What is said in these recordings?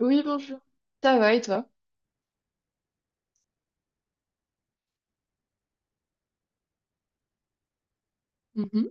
Oui, bonjour. Ça va et toi? Mhm.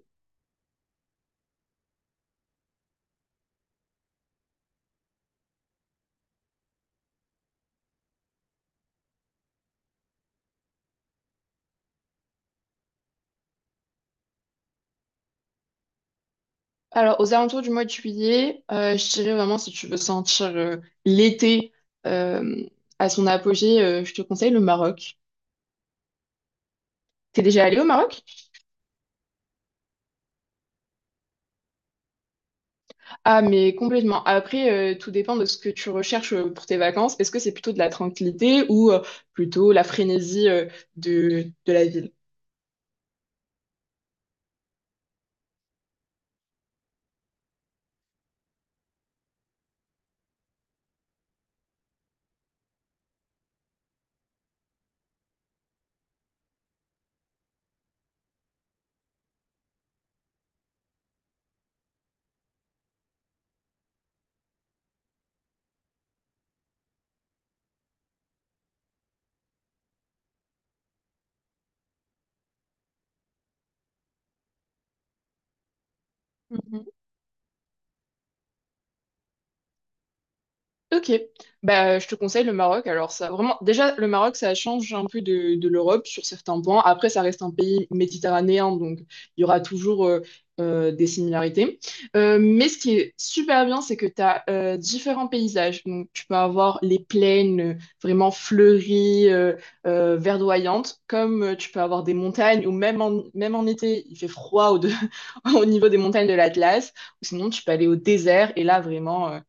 Alors, aux alentours du mois de juillet, je dirais vraiment si tu veux sentir l'été euh, à son apogée, je te conseille le Maroc. T'es déjà allé au Maroc? Ah, mais complètement. Après, tout dépend de ce que tu recherches pour tes vacances. Est-ce que c'est plutôt de la tranquillité ou plutôt la frénésie de la ville? Ok, bah, je te conseille le Maroc. Alors ça, vraiment, déjà le Maroc, ça change un peu de l'Europe sur certains points. Après, ça reste un pays méditerranéen, donc il y aura toujours des similarités. Mais ce qui est super bien, c'est que tu as différents paysages. Donc tu peux avoir les plaines vraiment fleuries, verdoyantes, comme tu peux avoir des montagnes, ou même en, même en été, il fait froid au niveau des montagnes de l'Atlas. Ou sinon, tu peux aller au désert, et là vraiment. euh,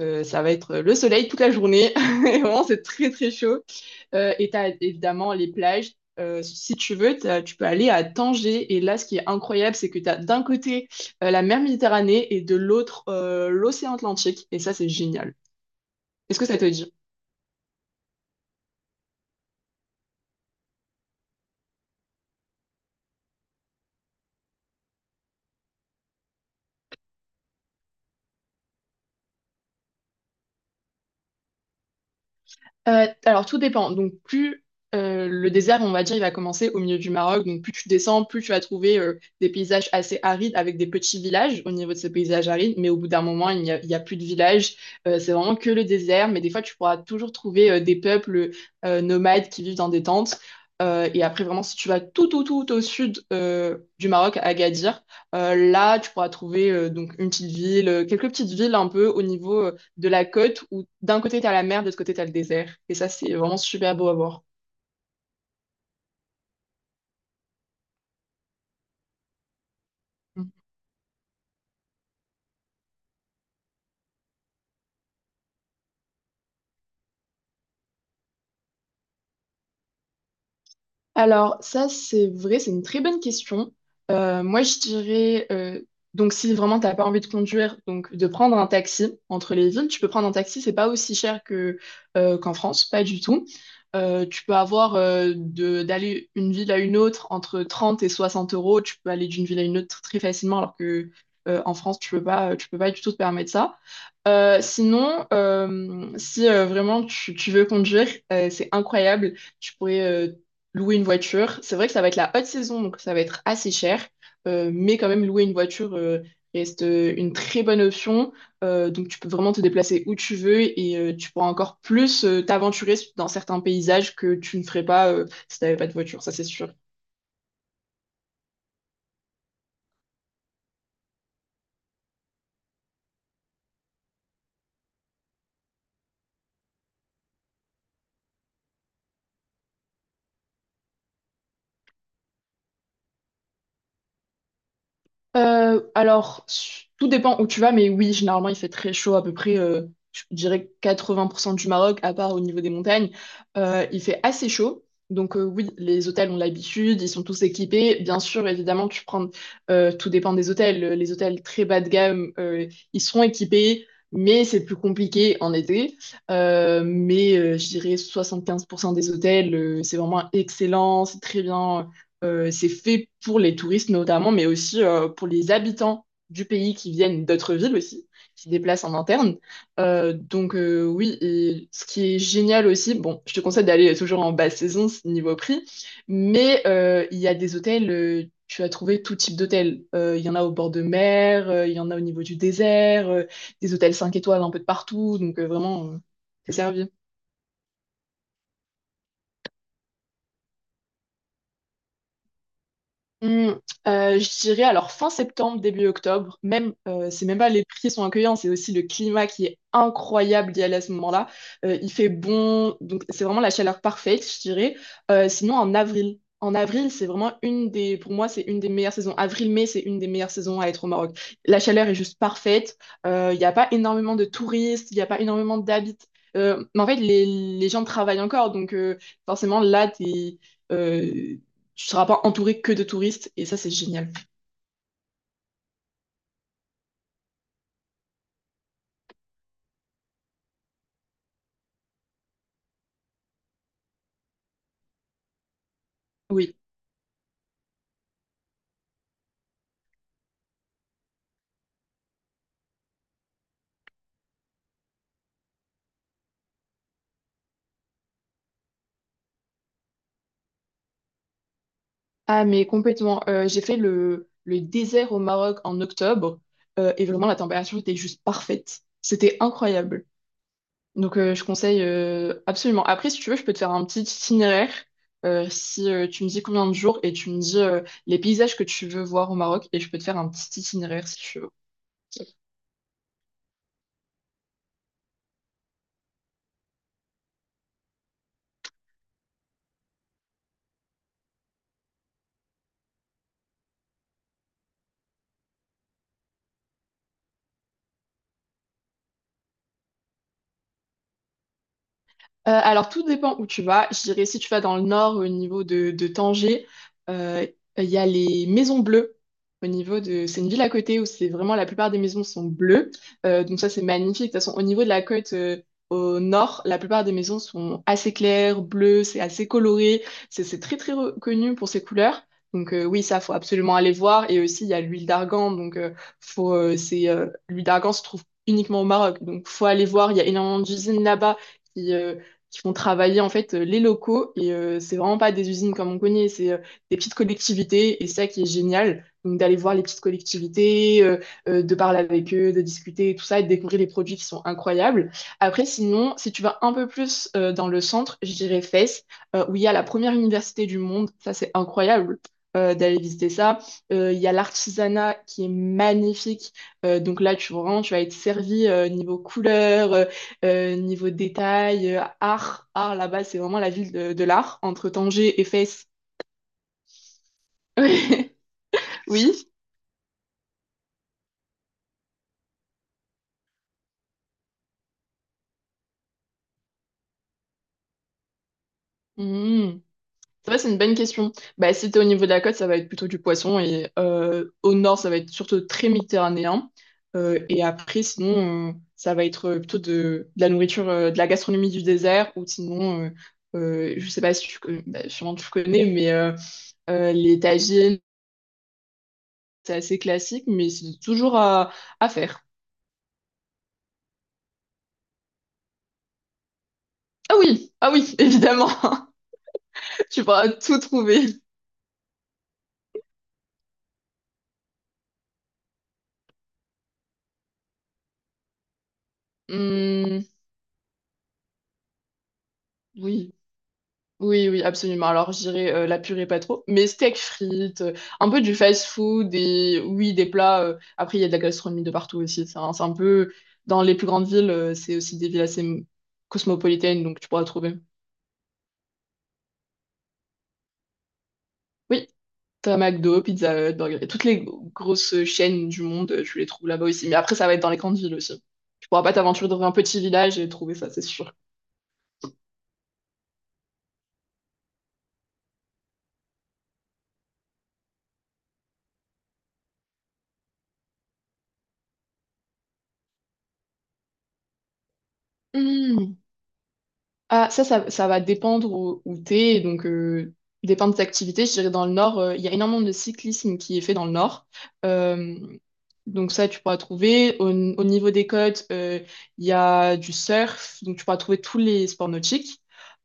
euh, Ça va être le soleil toute la journée. Et vraiment, c'est très très chaud. Et tu as évidemment les plages. Si tu veux, tu peux aller à Tanger. Et là, ce qui est incroyable, c'est que tu as d'un côté la mer Méditerranée et de l'autre l'océan Atlantique. Et ça, c'est génial. Est-ce que ça te dit? Alors tout dépend. Donc plus le désert, on va dire, il va commencer au milieu du Maroc. Donc plus tu descends, plus tu vas trouver des paysages assez arides avec des petits villages au niveau de ces paysages arides. Mais au bout d'un moment, il y a plus de villages. C'est vraiment que le désert. Mais des fois, tu pourras toujours trouver des peuples nomades qui vivent dans des tentes. Et après, vraiment, si tu vas tout, tout, tout au sud du Maroc, à Agadir, là, tu pourras trouver donc une petite ville, quelques petites villes un peu au niveau de la côte où d'un côté, tu as la mer, de l'autre côté, tu as le désert. Et ça, c'est vraiment super beau à voir. Alors, ça, c'est vrai, c'est une très bonne question. Moi, je dirais, donc si vraiment t'as pas envie de conduire, donc de prendre un taxi entre les villes, tu peux prendre un taxi, c'est pas aussi cher que qu'en France, pas du tout. Tu peux avoir d'aller une ville à une autre entre 30 et 60 euros, tu peux aller d'une ville à une autre très facilement, alors que en France, tu peux pas du tout te permettre ça. Sinon, si vraiment tu veux conduire, c'est incroyable. Tu pourrais louer une voiture. C'est vrai que ça va être la haute saison, donc ça va être assez cher, mais quand même louer une voiture reste une très bonne option. Donc tu peux vraiment te déplacer où tu veux et tu pourras encore plus t'aventurer dans certains paysages que tu ne ferais pas si tu n'avais pas de voiture, ça c'est sûr. Alors, tout dépend où tu vas, mais oui, généralement, il fait très chaud, à peu près, je dirais 80% du Maroc, à part au niveau des montagnes. Il fait assez chaud. Donc, oui, les hôtels ont l'habitude, ils sont tous équipés. Bien sûr, évidemment, tout dépend des hôtels. Les hôtels très bas de gamme, ils seront équipés, mais c'est plus compliqué en été. Mais je dirais 75% des hôtels, c'est vraiment excellent, c'est très bien. C'est fait pour les touristes notamment, mais aussi pour les habitants du pays qui viennent d'autres villes aussi, qui se déplacent en interne. Donc oui, et ce qui est génial aussi, bon, je te conseille d'aller toujours en basse saison niveau prix, mais il y a des hôtels, tu vas trouver tout type d'hôtels. Il y en a au bord de mer, il y en a au niveau du désert, des hôtels 5 étoiles un peu de partout, donc vraiment, t'es servi. Hmm, je dirais alors fin septembre, début octobre, même c'est même pas les prix sont accueillants, c'est aussi le climat qui est incroyable d'y aller à ce moment-là. Il fait bon, donc c'est vraiment la chaleur parfaite, je dirais. Sinon en avril. En avril, c'est vraiment une des, pour moi, c'est une des meilleures saisons. Avril-mai, c'est une des meilleures saisons à être au Maroc. La chaleur est juste parfaite. Il n'y a pas énormément de touristes, il n'y a pas énormément d'habitants. Mais en fait, les gens travaillent encore, donc forcément, là, euh, tu seras pas entouré que de touristes et ça, c'est génial. Oui. Ah, mais complètement. J'ai fait le désert au Maroc en octobre et vraiment la température était juste parfaite. C'était incroyable. Donc, je conseille absolument. Après, si tu veux, je peux te faire un petit itinéraire si tu me dis combien de jours et tu me dis les paysages que tu veux voir au Maroc et je peux te faire un petit itinéraire si tu veux. Alors, tout dépend où tu vas. Je dirais, si tu vas dans le nord, au niveau de Tanger, euh, il y a les Maisons Bleues. C'est une ville à côté où c'est vraiment la plupart des maisons sont bleues. Donc ça, c'est magnifique. De toute façon, au niveau de la côte au nord, la plupart des maisons sont assez claires, bleues, c'est assez coloré. C'est très, très reconnu pour ses couleurs. Donc oui, ça, faut absolument aller voir. Et aussi, il y a l'huile d'argan. Donc l'huile d'argan se trouve uniquement au Maroc. Donc faut aller voir. Il y a énormément d'usines là-bas qui euh, qui font travailler en fait les locaux. Et c'est vraiment pas des usines comme on connaît, c'est des petites collectivités. Et ça qui est génial, donc d'aller voir les petites collectivités, de parler avec eux, de discuter, et tout ça, et de découvrir les produits qui sont incroyables. Après, sinon, si tu vas un peu plus dans le centre, je dirais Fès, où il y a la première université du monde. Ça, c'est incroyable. D'aller visiter ça. Il y a l'artisanat qui est magnifique. Donc là, tu, vraiment, tu vas être servi niveau couleur, niveau détail, art là-bas, c'est vraiment la ville de l'art, entre Tanger et Fès. Oui. Hmm. Ça va, c'est une bonne question. Bah, si t'es au niveau de la côte, ça va être plutôt du poisson et au nord, ça va être surtout très méditerranéen. Et après, sinon, ça va être plutôt de la nourriture, de la gastronomie du désert ou sinon, je sais pas si tu, bah, sûrement tu connais, mais les tagines, c'est assez classique, mais c'est toujours à faire. Ah oui, ah oui, évidemment. Tu pourras tout trouver. Hmm, oui, oui, oui, absolument. Alors, j'irai la purée pas trop, mais steak frites, un peu du fast food et oui, des plats. Après, il y a de la gastronomie de partout aussi. C'est un peu dans les plus grandes villes, c'est aussi des villes assez cosmopolitaines, donc tu pourras trouver. Oui, t'as McDo, Pizza Hut, Burger King, toutes les grosses chaînes du monde, tu les trouves là-bas aussi. Mais après, ça va être dans les grandes villes aussi. Tu pourras pas t'aventurer dans un petit village et trouver ça, c'est sûr. Hmm. Ah, ça va dépendre où t'es, et donc dépendre de tes activités. Je dirais dans le nord, il y a énormément de cyclisme qui est fait dans le nord. Euh, donc ça, tu pourras trouver. Au niveau des côtes, il y a du surf, donc tu pourras trouver tous les sports nautiques,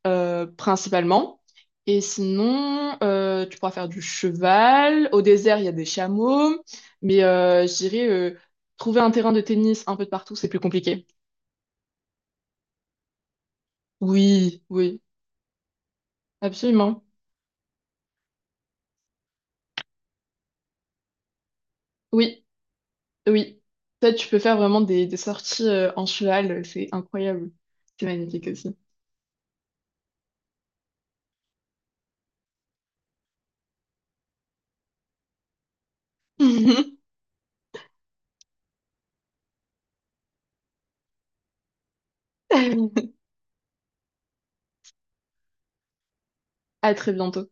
principalement. Et sinon, tu pourras faire du cheval. Au désert, il y a des chameaux. Mais je dirais, trouver un terrain de tennis un peu de partout, c'est plus compliqué. Oui, oui, absolument. Oui. Oui, peut-être tu peux faire vraiment des sorties en cheval, c'est incroyable. C'est magnifique aussi. À très bientôt.